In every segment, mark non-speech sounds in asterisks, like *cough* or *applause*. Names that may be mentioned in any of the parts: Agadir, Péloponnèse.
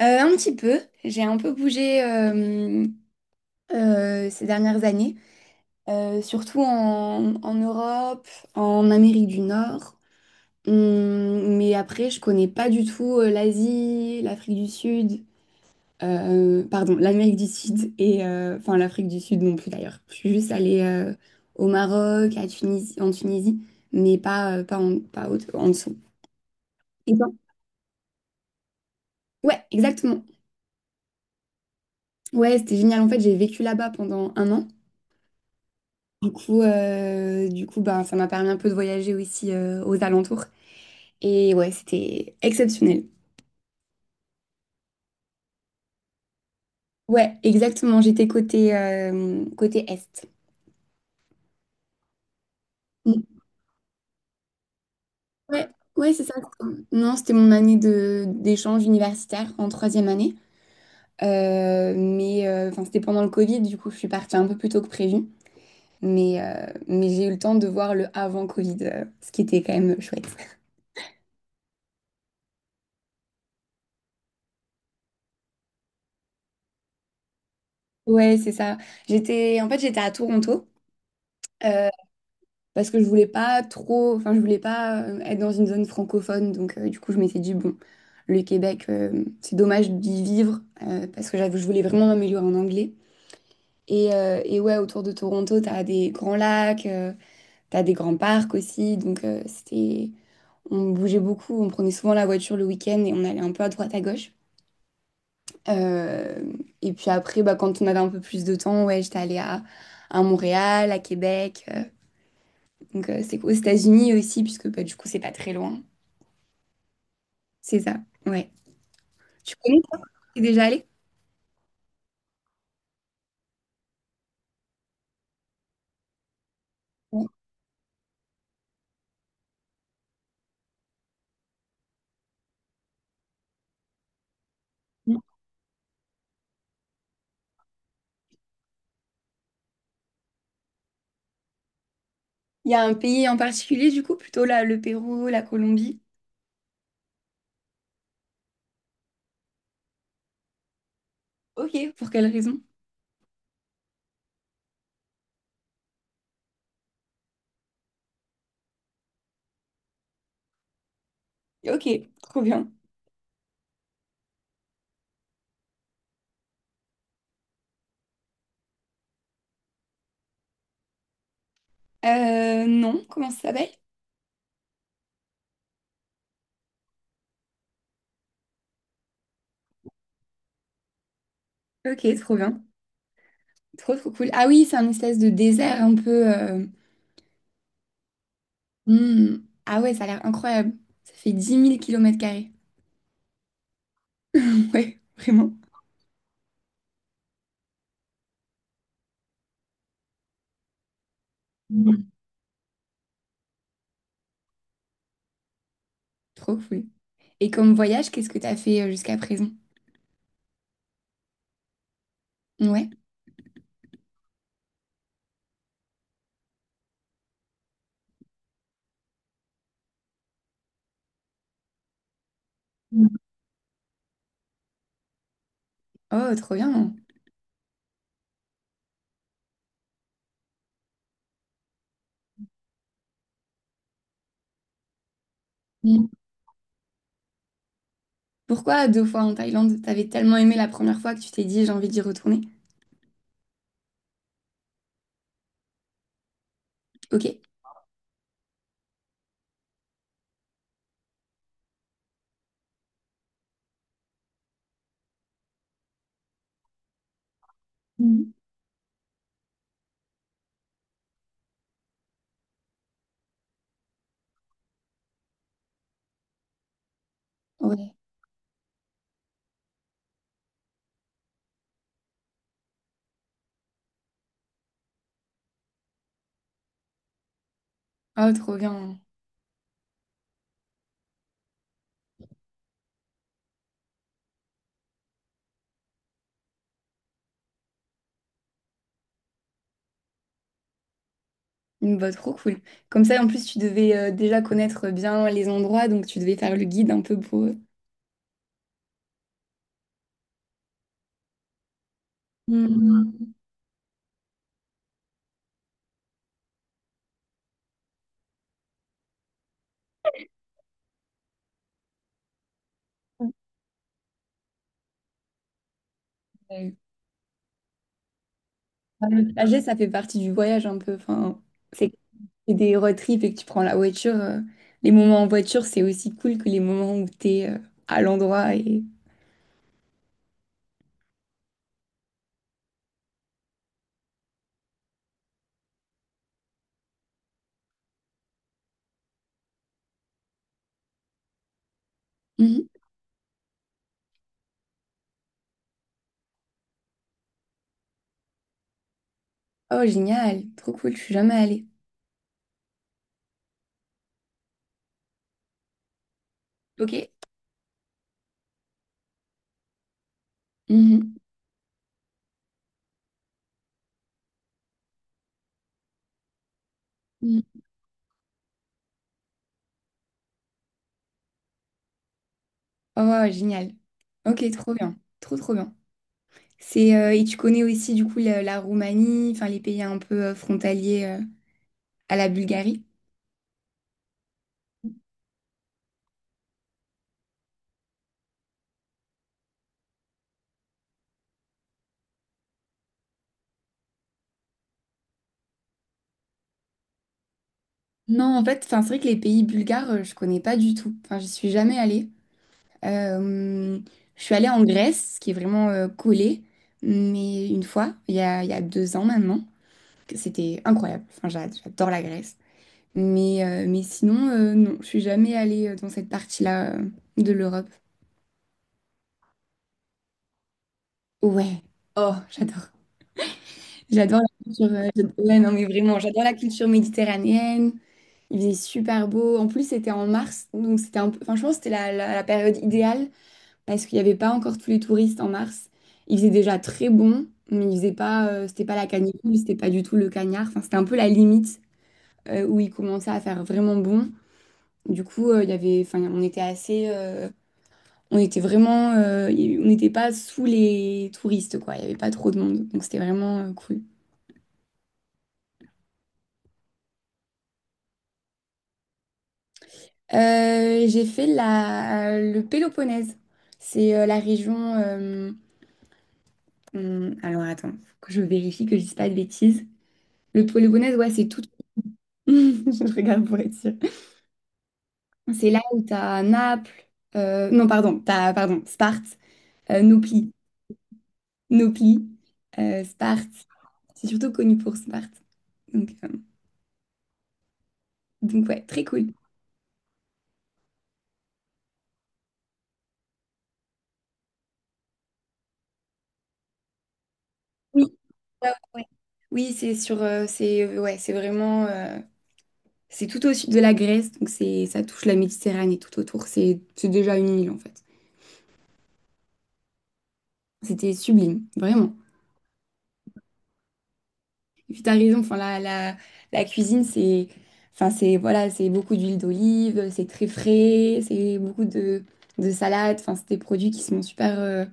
Un petit peu, j'ai un peu bougé ces dernières années, surtout en Europe, en Amérique du Nord. Mais après, je connais pas du tout l'Asie, l'Afrique du Sud, pardon, l'Amérique du Sud et enfin l'Afrique du Sud non plus d'ailleurs. Je suis juste allée au Maroc, à Tunisie, en Tunisie, mais pas en dessous. Et toi? Ouais, exactement. Ouais, c'était génial. En fait, j'ai vécu là-bas pendant un an. Du coup, ben, ça m'a permis un peu de voyager aussi aux alentours. Et ouais, c'était exceptionnel. Ouais, exactement. J'étais côté Est. Mm. Ouais, ouais, c'est ça. Non, c'était mon année de d'échange universitaire en troisième année. Mais enfin, c'était pendant le Covid, du coup, je suis partie un peu plus tôt que prévu. Mais j'ai eu le temps de voir le avant Covid, ce qui était quand même chouette. Ouais, c'est ça. J'étais, en fait, j'étais à Toronto. Euh, Parce que je voulais pas trop, enfin je voulais pas être dans une zone francophone, donc du coup je m'étais dit bon, le Québec, c'est dommage d'y vivre parce que je voulais vraiment m'améliorer en anglais. Et ouais, autour de Toronto, t'as des grands lacs, t'as des grands parcs aussi, donc c'était, on bougeait beaucoup, on prenait souvent la voiture le week-end et on allait un peu à droite à gauche. Euh, et puis après, bah, quand on avait un peu plus de temps, ouais, j'étais allée à Montréal, à Québec. Donc, c'est aux États-Unis aussi, puisque bah, du coup, c'est pas très loin. C'est ça, ouais. Tu connais, toi, t'es déjà allé? Ouais. Il y a un pays en particulier, du coup, plutôt là, le Pérou, la Colombie. Ok, pour quelle raison? Ok, trop bien. Non, comment ça s'appelle? Ok, trop bien. Trop, trop cool. Ah oui, c'est un espèce de désert un peu... Hmm. Ah ouais, ça a l'air incroyable. Ça fait 10 000 kilomètres carrés. *laughs* Ouais, vraiment. Mm. Trop cool. Et comme voyage, qu'est-ce que t'as fait jusqu'à présent? Ouais. Mm. Oh, trop bien. Pourquoi deux fois en Thaïlande? T'avais tellement aimé la première fois que tu t'es dit j'ai envie d'y retourner. Ok. Mhm. Ouais. Oh, trop bien. Bah, trop cool. Comme ça, en plus, tu devais déjà connaître bien les endroits, donc tu devais faire le guide un peu pour eux. Mhm. Ouais. Bah, le trajet, ça fait partie du voyage un peu. Enfin, c'est c'est des road trips et que tu prends la voiture. Les moments en voiture, c'est aussi cool que les moments où t'es à l'endroit et. Mhm. Oh, génial. Trop cool. Je suis jamais allée. Ok. Mhm. Oh, wow, génial. Ok, trop bien. Trop, trop bien. Et tu connais aussi, du coup, la Roumanie, enfin, les pays un peu frontaliers à la Bulgarie? Non, en fait, enfin, c'est vrai que les pays bulgares, je connais pas du tout. Enfin, j'y suis jamais allée. Euh, je suis allée en Grèce, qui est vraiment collé, mais une fois, il y a 2 ans maintenant, que c'était incroyable. Enfin, j'adore la Grèce. Mais sinon, non, je suis jamais allée dans cette partie-là de l'Europe. Ouais. Oh, j'adore. J'adore la culture. Ouais, non, mais vraiment, j'adore la culture méditerranéenne. Il faisait super beau. En plus, c'était en mars, donc c'était un peu. Enfin, je pense que c'était la période idéale parce qu'il n'y avait pas encore tous les touristes en mars. Il faisait déjà très bon, mais il faisait pas. C'était pas la canicule, c'était pas du tout le cagnard. Enfin, c'était un peu la limite où il commençait à faire vraiment bon. Du coup, il y avait. Enfin, on était assez. On était vraiment. On n'était pas sous les touristes, quoi. Il n'y avait pas trop de monde, donc c'était vraiment cool. J'ai fait le Péloponnèse. C'est la région. Alors attends, faut que je vérifie que je dise pas de bêtises. Le Péloponnèse, ouais, c'est tout. *laughs* Je regarde pour être sûre. C'est là où t'as Naples. Non, pardon, Sparte, Nopli, Nopli, Sparte. C'est surtout connu pour Sparte. Donc, euh, donc ouais, très cool. Oui, ouais, ouais, ouais. Oui, c'est ouais, c'est vraiment. C'est tout au sud de la Grèce, donc c'est ça touche la Méditerranée tout autour. C'est déjà une île en fait. C'était sublime, vraiment. Et puis t'as raison, enfin la cuisine c'est, voilà, c'est beaucoup d'huile d'olive, c'est très frais, c'est beaucoup de salades, enfin c'est des produits qui sont super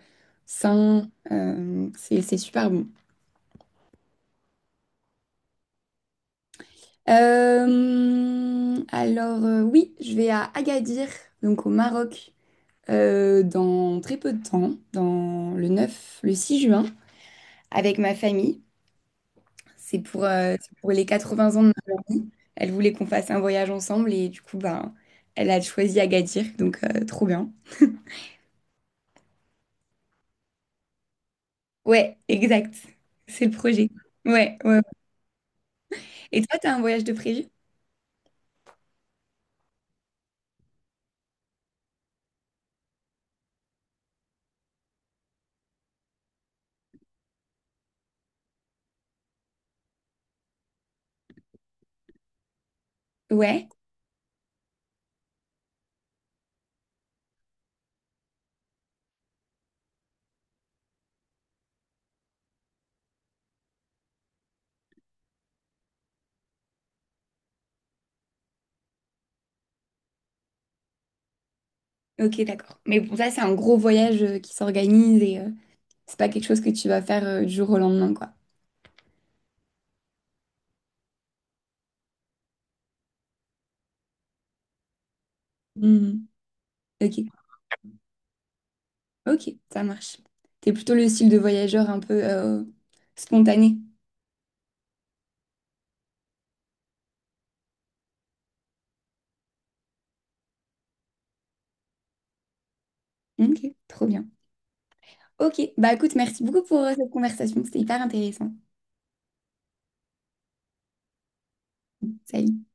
sains, c'est super bon. Alors, oui, je vais à Agadir, donc au Maroc, dans très peu de temps, dans le 6 juin, avec ma famille. C'est pour les 80 ans. Elle voulait qu'on fasse un voyage ensemble et du coup, ben, elle a choisi Agadir, donc trop bien. Ouais, exact. C'est le projet. Ouais, ouais, ouais. Et toi, t'as un voyage de prévu? Ouais, ok, d'accord. Mais bon, ça, c'est un gros voyage qui s'organise et c'est pas quelque chose que tu vas faire du jour au lendemain, quoi. Mhm. Ok, ok, ça marche. T'es plutôt le style de voyageur un peu spontané. Ok, trop bien. Ok, bah écoute, merci beaucoup pour cette conversation, c'était hyper intéressant. Salut.